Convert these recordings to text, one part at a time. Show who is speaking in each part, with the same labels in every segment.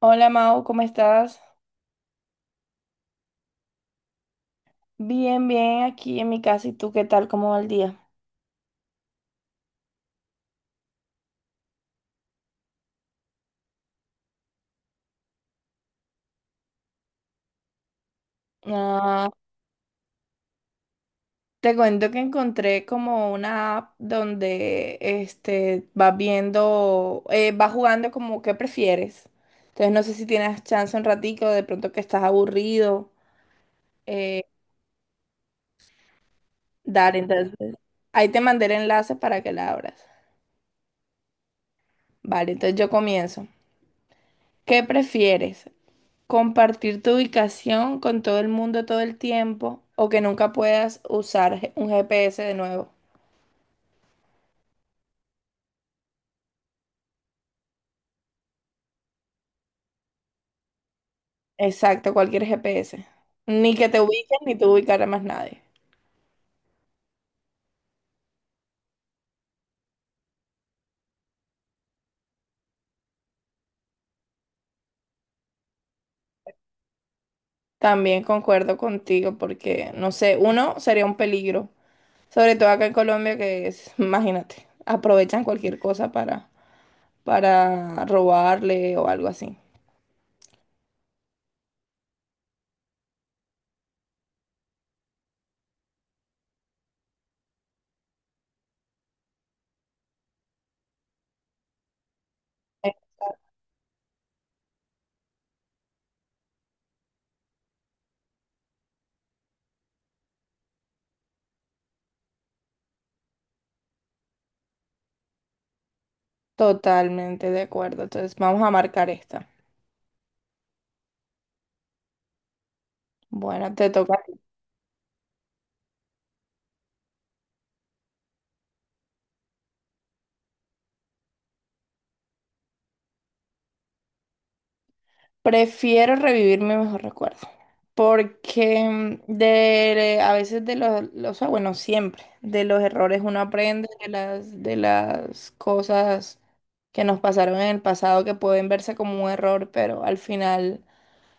Speaker 1: Hola, Mau, ¿cómo estás? Bien, bien, aquí en mi casa. ¿Y tú qué tal? ¿Cómo va el día? Ah, te cuento que encontré como una app donde vas viendo, vas jugando como qué prefieres. Entonces no sé si tienes chance un ratico, de pronto que estás aburrido. eh, Dale, entonces ahí te mandé el enlace para que la abras. Vale, entonces yo comienzo. ¿Qué prefieres? ¿Compartir tu ubicación con todo el mundo todo el tiempo o que nunca puedas usar un GPS de nuevo? Exacto, cualquier GPS. Ni que te ubiquen ni tú ubicar a más nadie. También concuerdo contigo porque, no sé, uno sería un peligro, sobre todo acá en Colombia que es, imagínate, aprovechan cualquier cosa para robarle o algo así. Totalmente de acuerdo. Entonces vamos a marcar esta. Bueno, te toca. Prefiero revivir mi mejor recuerdo, porque a veces o sea, bueno, siempre, de los errores uno aprende, de las cosas que nos pasaron en el pasado que pueden verse como un error, pero al final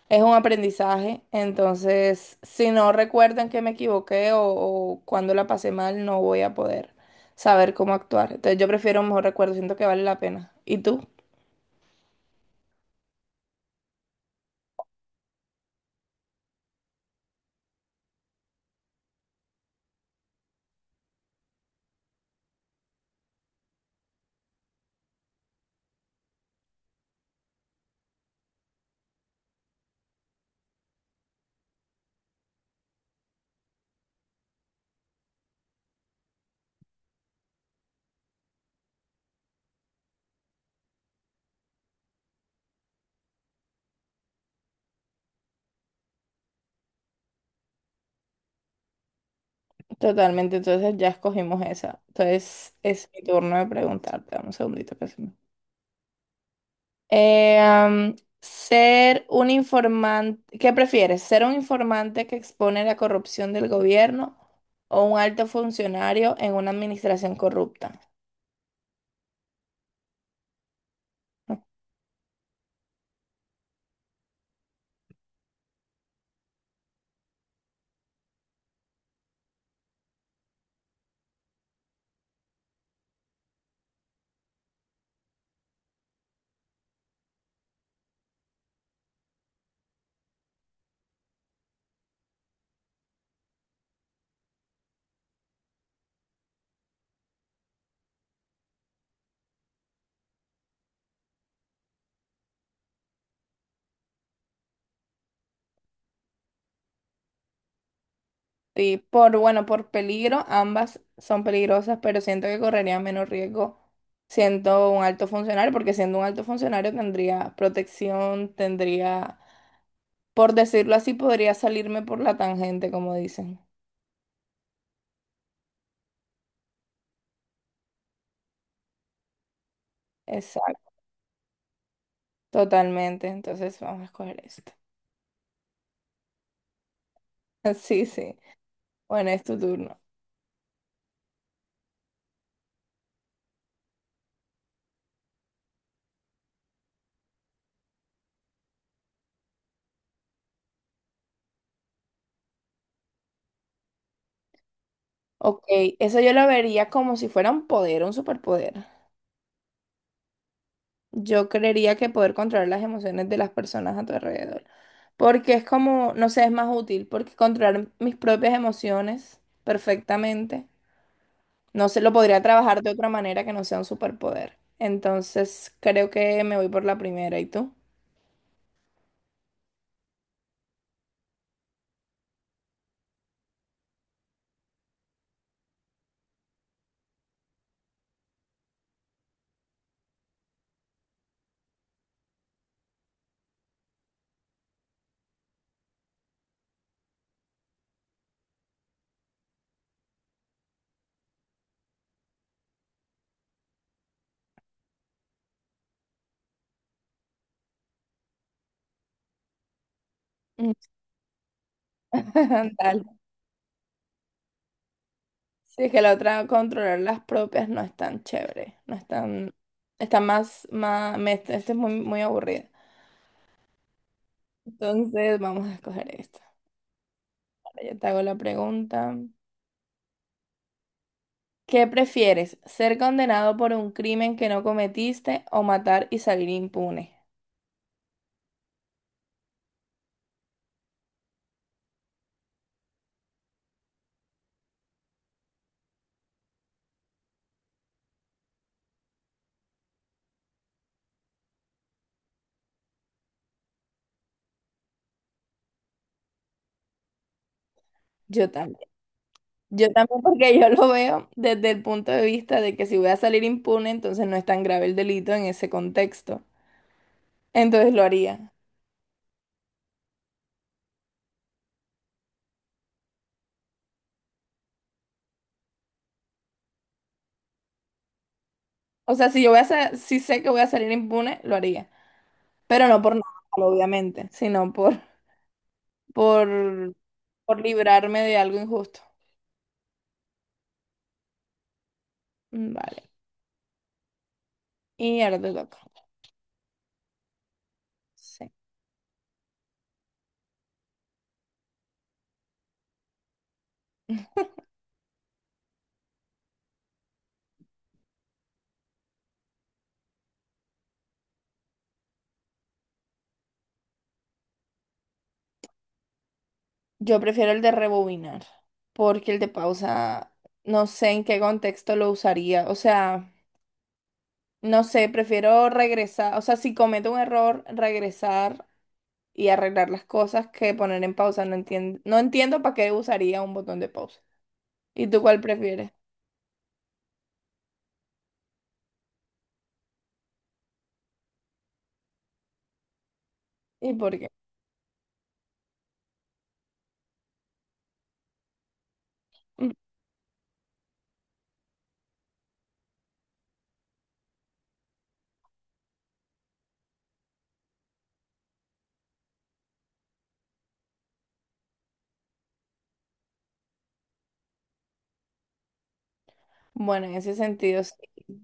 Speaker 1: es un aprendizaje. Entonces si no recuerdan que me equivoqué o cuando la pasé mal, no voy a poder saber cómo actuar. Entonces yo prefiero un mejor recuerdo, siento que vale la pena. ¿Y tú? Totalmente, entonces ya escogimos esa. Entonces es mi turno de preguntarte. Dame un segundito que se me- ser un informante, ¿qué prefieres? ¿Ser un informante que expone la corrupción del gobierno o un alto funcionario en una administración corrupta? Y por, bueno, por peligro, ambas son peligrosas, pero siento que correría menos riesgo siendo un alto funcionario, porque siendo un alto funcionario tendría protección, tendría. Por decirlo así, podría salirme por la tangente, como dicen. Exacto, totalmente. Entonces vamos a escoger esto. Sí, sí. Bueno, es tu turno. Ok, eso yo lo vería como si fuera un poder, un superpoder. Yo creería que poder controlar las emociones de las personas a tu alrededor. Porque es como, no sé, es más útil, porque controlar mis propias emociones perfectamente, no se lo podría trabajar de otra manera que no sea un superpoder. Entonces, creo que me voy por la primera. ¿Y tú? Dale. Sí, que la otra, controlar las propias, no es tan chévere, no es tan, está más, más, me- esta es muy, muy aburrida. Entonces, vamos a escoger esta. Ahora yo te hago la pregunta. ¿Qué prefieres, ser condenado por un crimen que no cometiste o matar y salir impune? Yo también. Yo también, porque yo lo veo desde el punto de vista de que si voy a salir impune, entonces no es tan grave el delito en ese contexto. Entonces lo haría. O sea, si yo voy a, si sé que voy a salir impune, lo haría. Pero no por nada malo, obviamente, sino por, por librarme de algo injusto. Mm, vale. Y ahora te toca. Sí. Yo prefiero el de rebobinar, porque el de pausa, no sé en qué contexto lo usaría. O sea, no sé, prefiero regresar. O sea, si cometo un error, regresar y arreglar las cosas que poner en pausa. No entiendo, no entiendo para qué usaría un botón de pausa. ¿Y tú cuál prefieres? ¿Y por qué? Mm. Bueno, en ese sentido sí,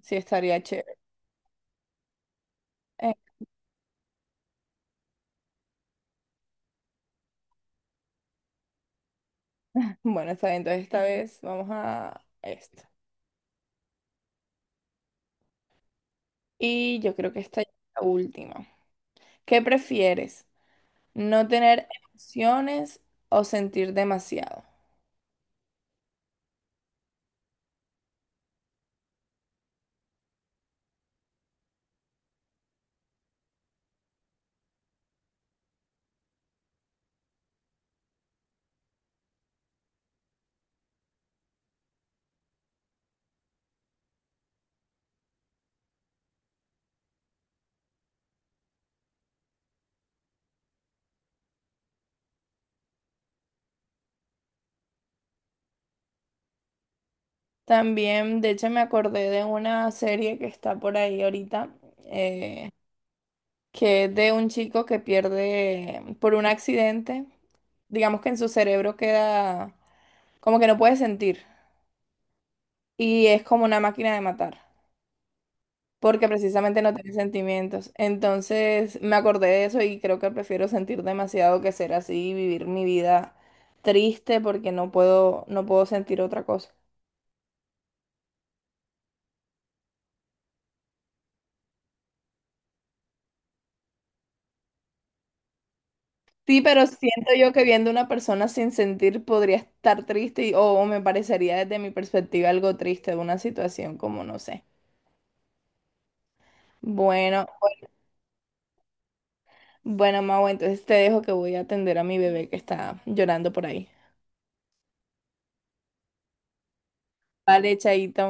Speaker 1: sí estaría chévere. Bueno, está bien, entonces esta vez vamos a esto. Y yo creo que esta ya es la última. ¿Qué prefieres? ¿No tener emociones o sentir demasiado? También, de hecho, me acordé de una serie que está por ahí ahorita, eh, que es de un chico que pierde por un accidente, digamos que en su cerebro queda como que no puede sentir y es como una máquina de matar. Porque precisamente no tiene sentimientos. Entonces me acordé de eso y creo que prefiero sentir demasiado que ser así, vivir mi vida triste porque no puedo, no puedo sentir otra cosa. Sí, pero siento yo que viendo una persona sin sentir podría estar triste o me parecería desde mi perspectiva algo triste de una situación como no sé. Bueno, bueno, Mau, entonces te dejo que voy a atender a mi bebé que está llorando por ahí. Vale, chaito.